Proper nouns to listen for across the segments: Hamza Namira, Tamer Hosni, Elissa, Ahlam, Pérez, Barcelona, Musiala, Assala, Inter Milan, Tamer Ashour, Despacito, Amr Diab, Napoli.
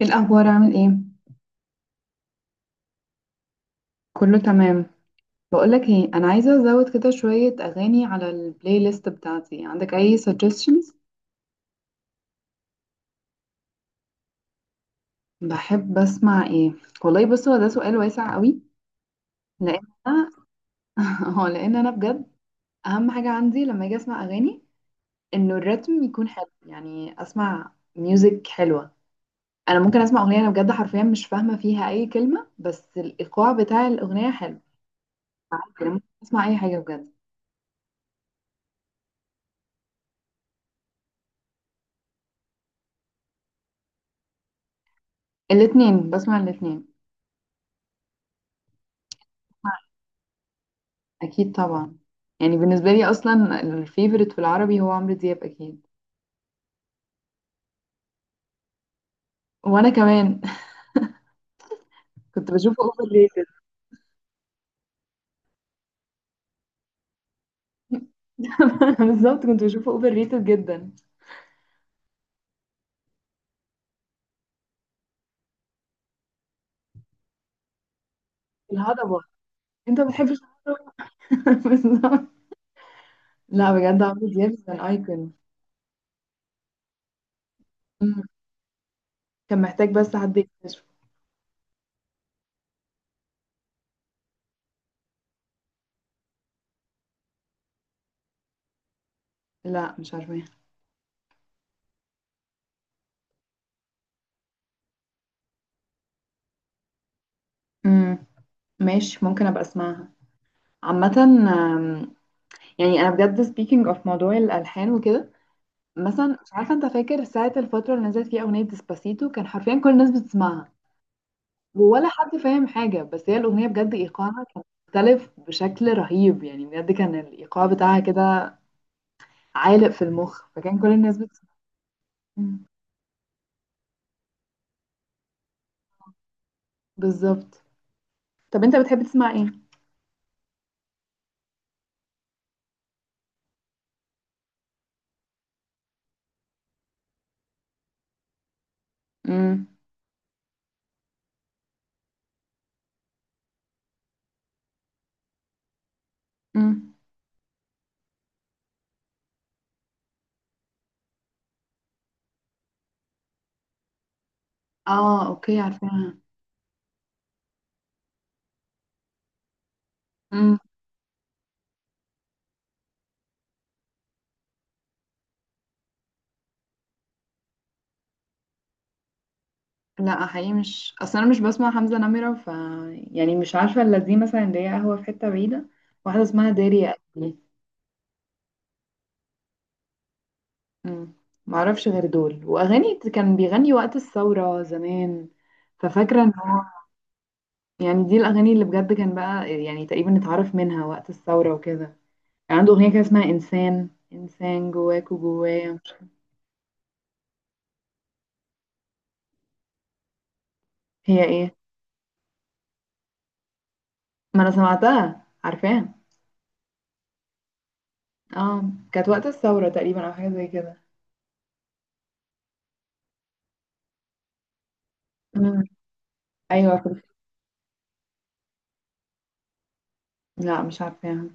ايه الاخبار؟ عامل ايه؟ كله تمام. بقولك ايه، انا عايزه ازود كده شويه اغاني على البلاي ليست بتاعتي. عندك اي suggestions؟ بحب اسمع ايه؟ والله بص، هو ده سؤال واسع قوي. لان انا هو لان انا بجد اهم حاجه عندي لما اجي اسمع اغاني انه الريتم يكون حلو، يعني اسمع ميوزك حلوه. انا ممكن اسمع اغنيه انا بجد حرفيا مش فاهمه فيها اي كلمه، بس الايقاع بتاع الاغنيه حلو. انا ممكن اسمع اي حاجه بجد. الاتنين، بسمع الاتنين. اكيد طبعا، يعني بالنسبه لي اصلا الفيفوريت في العربي هو عمرو دياب اكيد. وانا كمان. كنت بشوفه اوفر ريتد. بالظبط، كنت بشوفه اوفر ريتد جدا. الهضبه، انت ما بتحبش الهضبة؟ بالظبط. لا بجد عمرو دياب كان ايكون. كان محتاج بس حد يكتشفه. لا مش عارفه. امم، ماشي ممكن ابقى اسمعها. عامه، يعني انا بجد speaking of موضوع الالحان وكده. مثلا، مش عارفه انت فاكر ساعه الفتره اللي نزلت فيها اغنيه ديسباسيتو كان حرفيا كل الناس بتسمعها، ولا حد فاهم حاجة، بس هي الأغنية بجد إيقاعها كان مختلف بشكل رهيب. يعني بجد كان الإيقاع بتاعها كده عالق في المخ، فكان كل الناس بت... مم. بالظبط. طب أنت بتحب تسمع إيه؟ مم. مم. آه أوكي عارفاها. مم. لا حقيقي مش، أصل أنا مش بسمع حمزة نمرة، ف يعني مش عارفة إلا دي مثلا اللي هي قهوة في حتة بعيدة، واحدة اسمها داري يا قلبي. مم. معرفش غير دول وأغاني كان بيغني وقت الثورة زمان. ففاكرة إن، يعني دي الأغاني اللي بجد كان بقى يعني تقريبا اتعرف منها وقت الثورة وكده. يعني عنده أغنية كده اسمها إنسان، إنسان جواك وجوايا، مش عارفة. هي إيه؟ ما أنا سمعتها عارفاها. اه كانت وقت الثورة تقريبا أو حاجة زي كده. مم. أيوة لا مش عارفاها.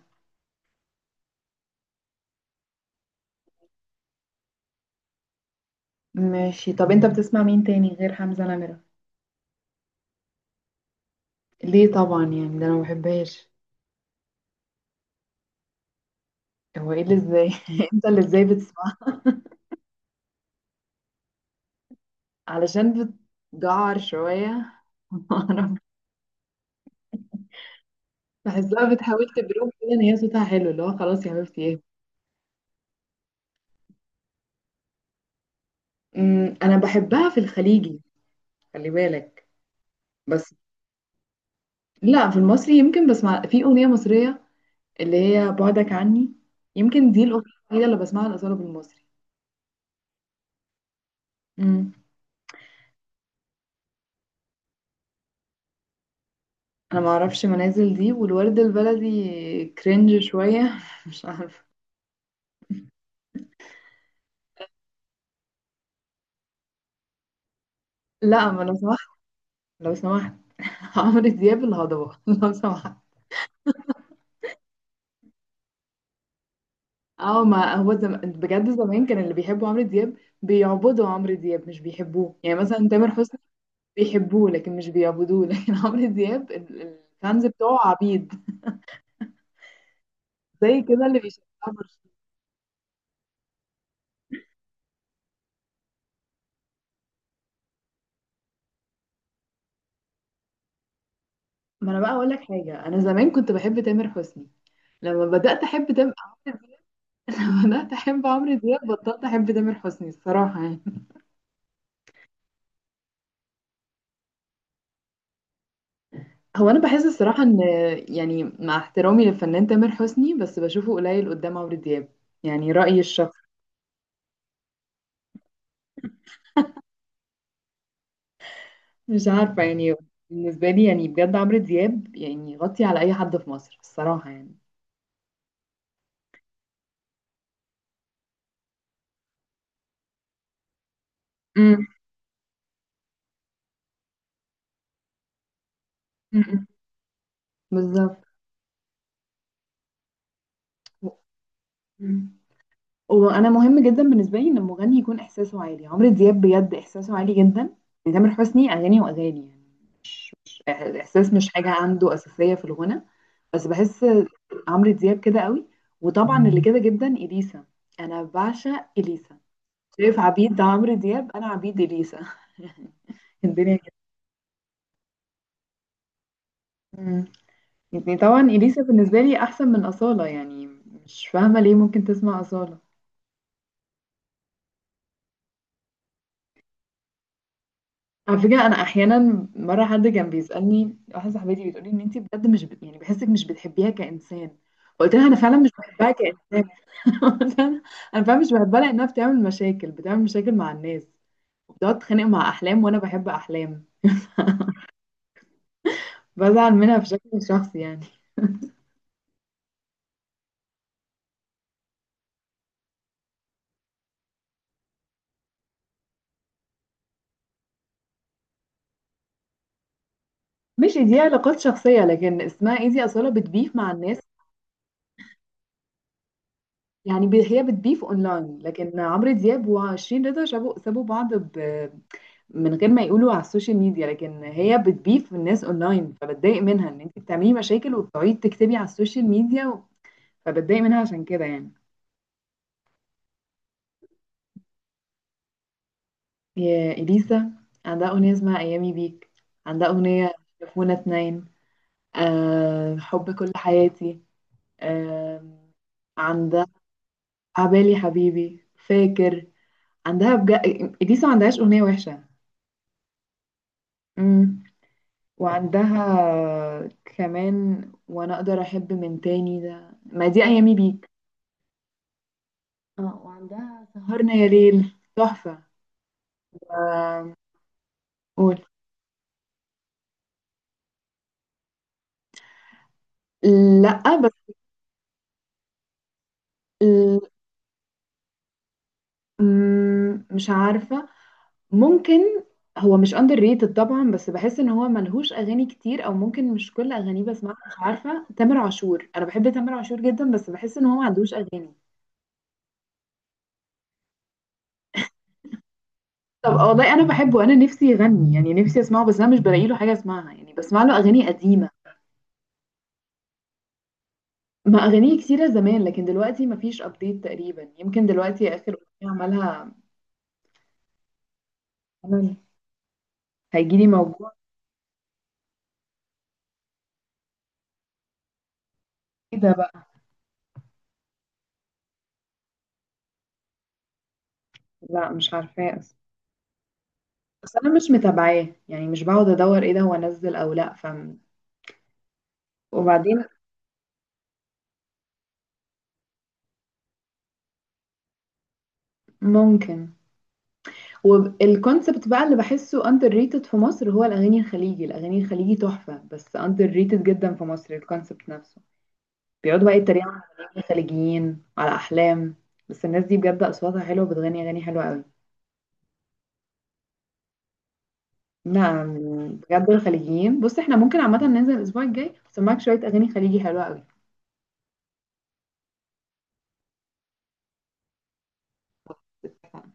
ماشي، طب أنت بتسمع مين تاني غير حمزة نمرة؟ ليه طبعا؟ يعني ده أنا ما بحبهاش. هو إيه اللي إزاي؟ أنت اللي إزاي بتسمع؟ علشان بتجعر شوية. بحسها بتحاول تبروك كده ان هي صوتها حلو، اللي هو خلاص يا حبيبتي ايه. أمم، انا بحبها في الخليجي، خلي بالك. بس لا، في المصري يمكن بسمع في اغنيه مصريه اللي هي بعدك عني. يمكن دي الاغنيه الوحيده اللي بسمعها الاصاله بالمصري. امم. انا ما اعرفش منازل دي والورد البلدي. كرنج شويه، مش عارفه. لا ما، لو سمحت، لو سمحت. عمرو دياب الهضبه، لو سمحت. اه، ما هو بجد زمان كان اللي بيحبوا عمرو دياب بيعبدوا عمرو دياب، مش بيحبوه. يعني مثلا تامر حسني بيحبوه، لكن مش بيعبدوه. لكن عمرو دياب الفانز بتوعه عبيد، زي كده اللي بيشجعوا برشلونة. ما انا بقى اقول لك حاجه، انا زمان كنت بحب تامر حسني. لما بدات احب تامر، عمرو دياب. لما بدات احب عمرو دياب بطلت احب تامر حسني الصراحه يعني. هو انا بحس الصراحه ان، يعني مع احترامي للفنان تامر حسني، بس بشوفه قليل قدام عمرو دياب. يعني رايي الشخصي. مش عارفة يعني. بالنسبة لي يعني بجد عمرو دياب يعني يغطي على أي حد في مصر الصراحة يعني. امم. أمم. بالظبط. مم. وأنا مهم جدا بالنسبة لي إن المغني يكون إحساسه عالي. عمرو دياب بجد إحساسه عالي جدا. يعني تامر حسني أغاني وأغاني، يعني مش إحساس، مش حاجة عنده أساسية في الغنى. بس بحس عمرو دياب كده قوي. وطبعا اللي كده جدا إليسا. أنا بعشق إليسا. شايف عبيد عمرو دياب، أنا عبيد إليسا. الدنيا كده. يعني طبعا إليسا بالنسبة لي أحسن من أصالة يعني. مش فاهمة ليه ممكن تسمع أصالة. على فكرة، أنا أحيانا مرة حد كان بيسألني، واحدة صاحبتي بتقولي إن أنتي بجد مش بت... يعني بحسك مش بتحبيها كإنسان. فقلت لها أنا فعلا مش بحبها كإنسان. قلت لها أنا فعلا مش بحبها، لأنها بتعمل مشاكل، بتعمل مشاكل مع الناس، وبتقعد تتخانق مع أحلام، وأنا بحب أحلام. بزعل منها بشكل شخصي يعني. مش دي علاقات شخصية، لكن اسمها إيه، دي أصالة بتبيف مع الناس. يعني هي بتبيف اونلاين، لكن عمرو دياب وشيرين رضا سابوا بعض، ب... من غير ما يقولوا على السوشيال ميديا. لكن هي بتبيف الناس اونلاين، فبتضايق منها ان انت بتعملي مشاكل وبتقعدي تكتبي على السوشيال ميديا و... فبتضايق منها عشان كده يعني. يا اليسا، عندها اغنيه اسمها ايامي بيك. عندها اغنيه شافونا اتنين. أه... حب كل حياتي. أه... عندها عبالي حبيبي، فاكر. عندها بجد، اليسا ما عندهاش اغنيه وحشه. مم. وعندها كمان وانا اقدر احب من تاني. ده ما دي ايامي بيك. اه وعندها سهرنا يا ليل تحفة. آم، قول. لا بس ال- مم، مش عارفة. ممكن. هو مش اندر ريتد طبعا، بس بحس ان هو ملهوش اغاني كتير، او ممكن مش كل اغانيه بسمعها. مش عارفة، تامر عاشور، انا بحب تامر عاشور جدا، بس بحس ان هو ما عندوش اغاني. طب والله انا بحبه، انا نفسي يغني، يعني نفسي اسمعه بس انا مش بلاقي له حاجة اسمعها، يعني بسمع له اغاني قديمة. ما أغانيه كتيرة زمان، لكن دلوقتي مفيش أبديت تقريبا. يمكن دلوقتي آخر أغنية عملها، عمل هيجيلي موجوع. ايه ده بقى؟ لا مش عارفاه أصلا، بس أنا مش متابعاه يعني، مش بقعد أدور ايه ده هو نزل أو لأ. ف وبعدين ممكن. والكونسبت بقى اللي بحسه أندر ريتد في مصر، هو الأغاني الخليجي. الأغاني الخليجي تحفة، بس أندر ريتد جدا في مصر الكونسبت نفسه. بيقعدوا بقى يتريقوا على الخليجيين، على أحلام. بس الناس دي بجد أصواتها حلوة، بتغني أغاني حلوة أوي. نعم؟ بجد الخليجيين، بص احنا ممكن عامة ننزل الأسبوع الجاي أسمعك شوية أغاني خليجي حلوة أوي.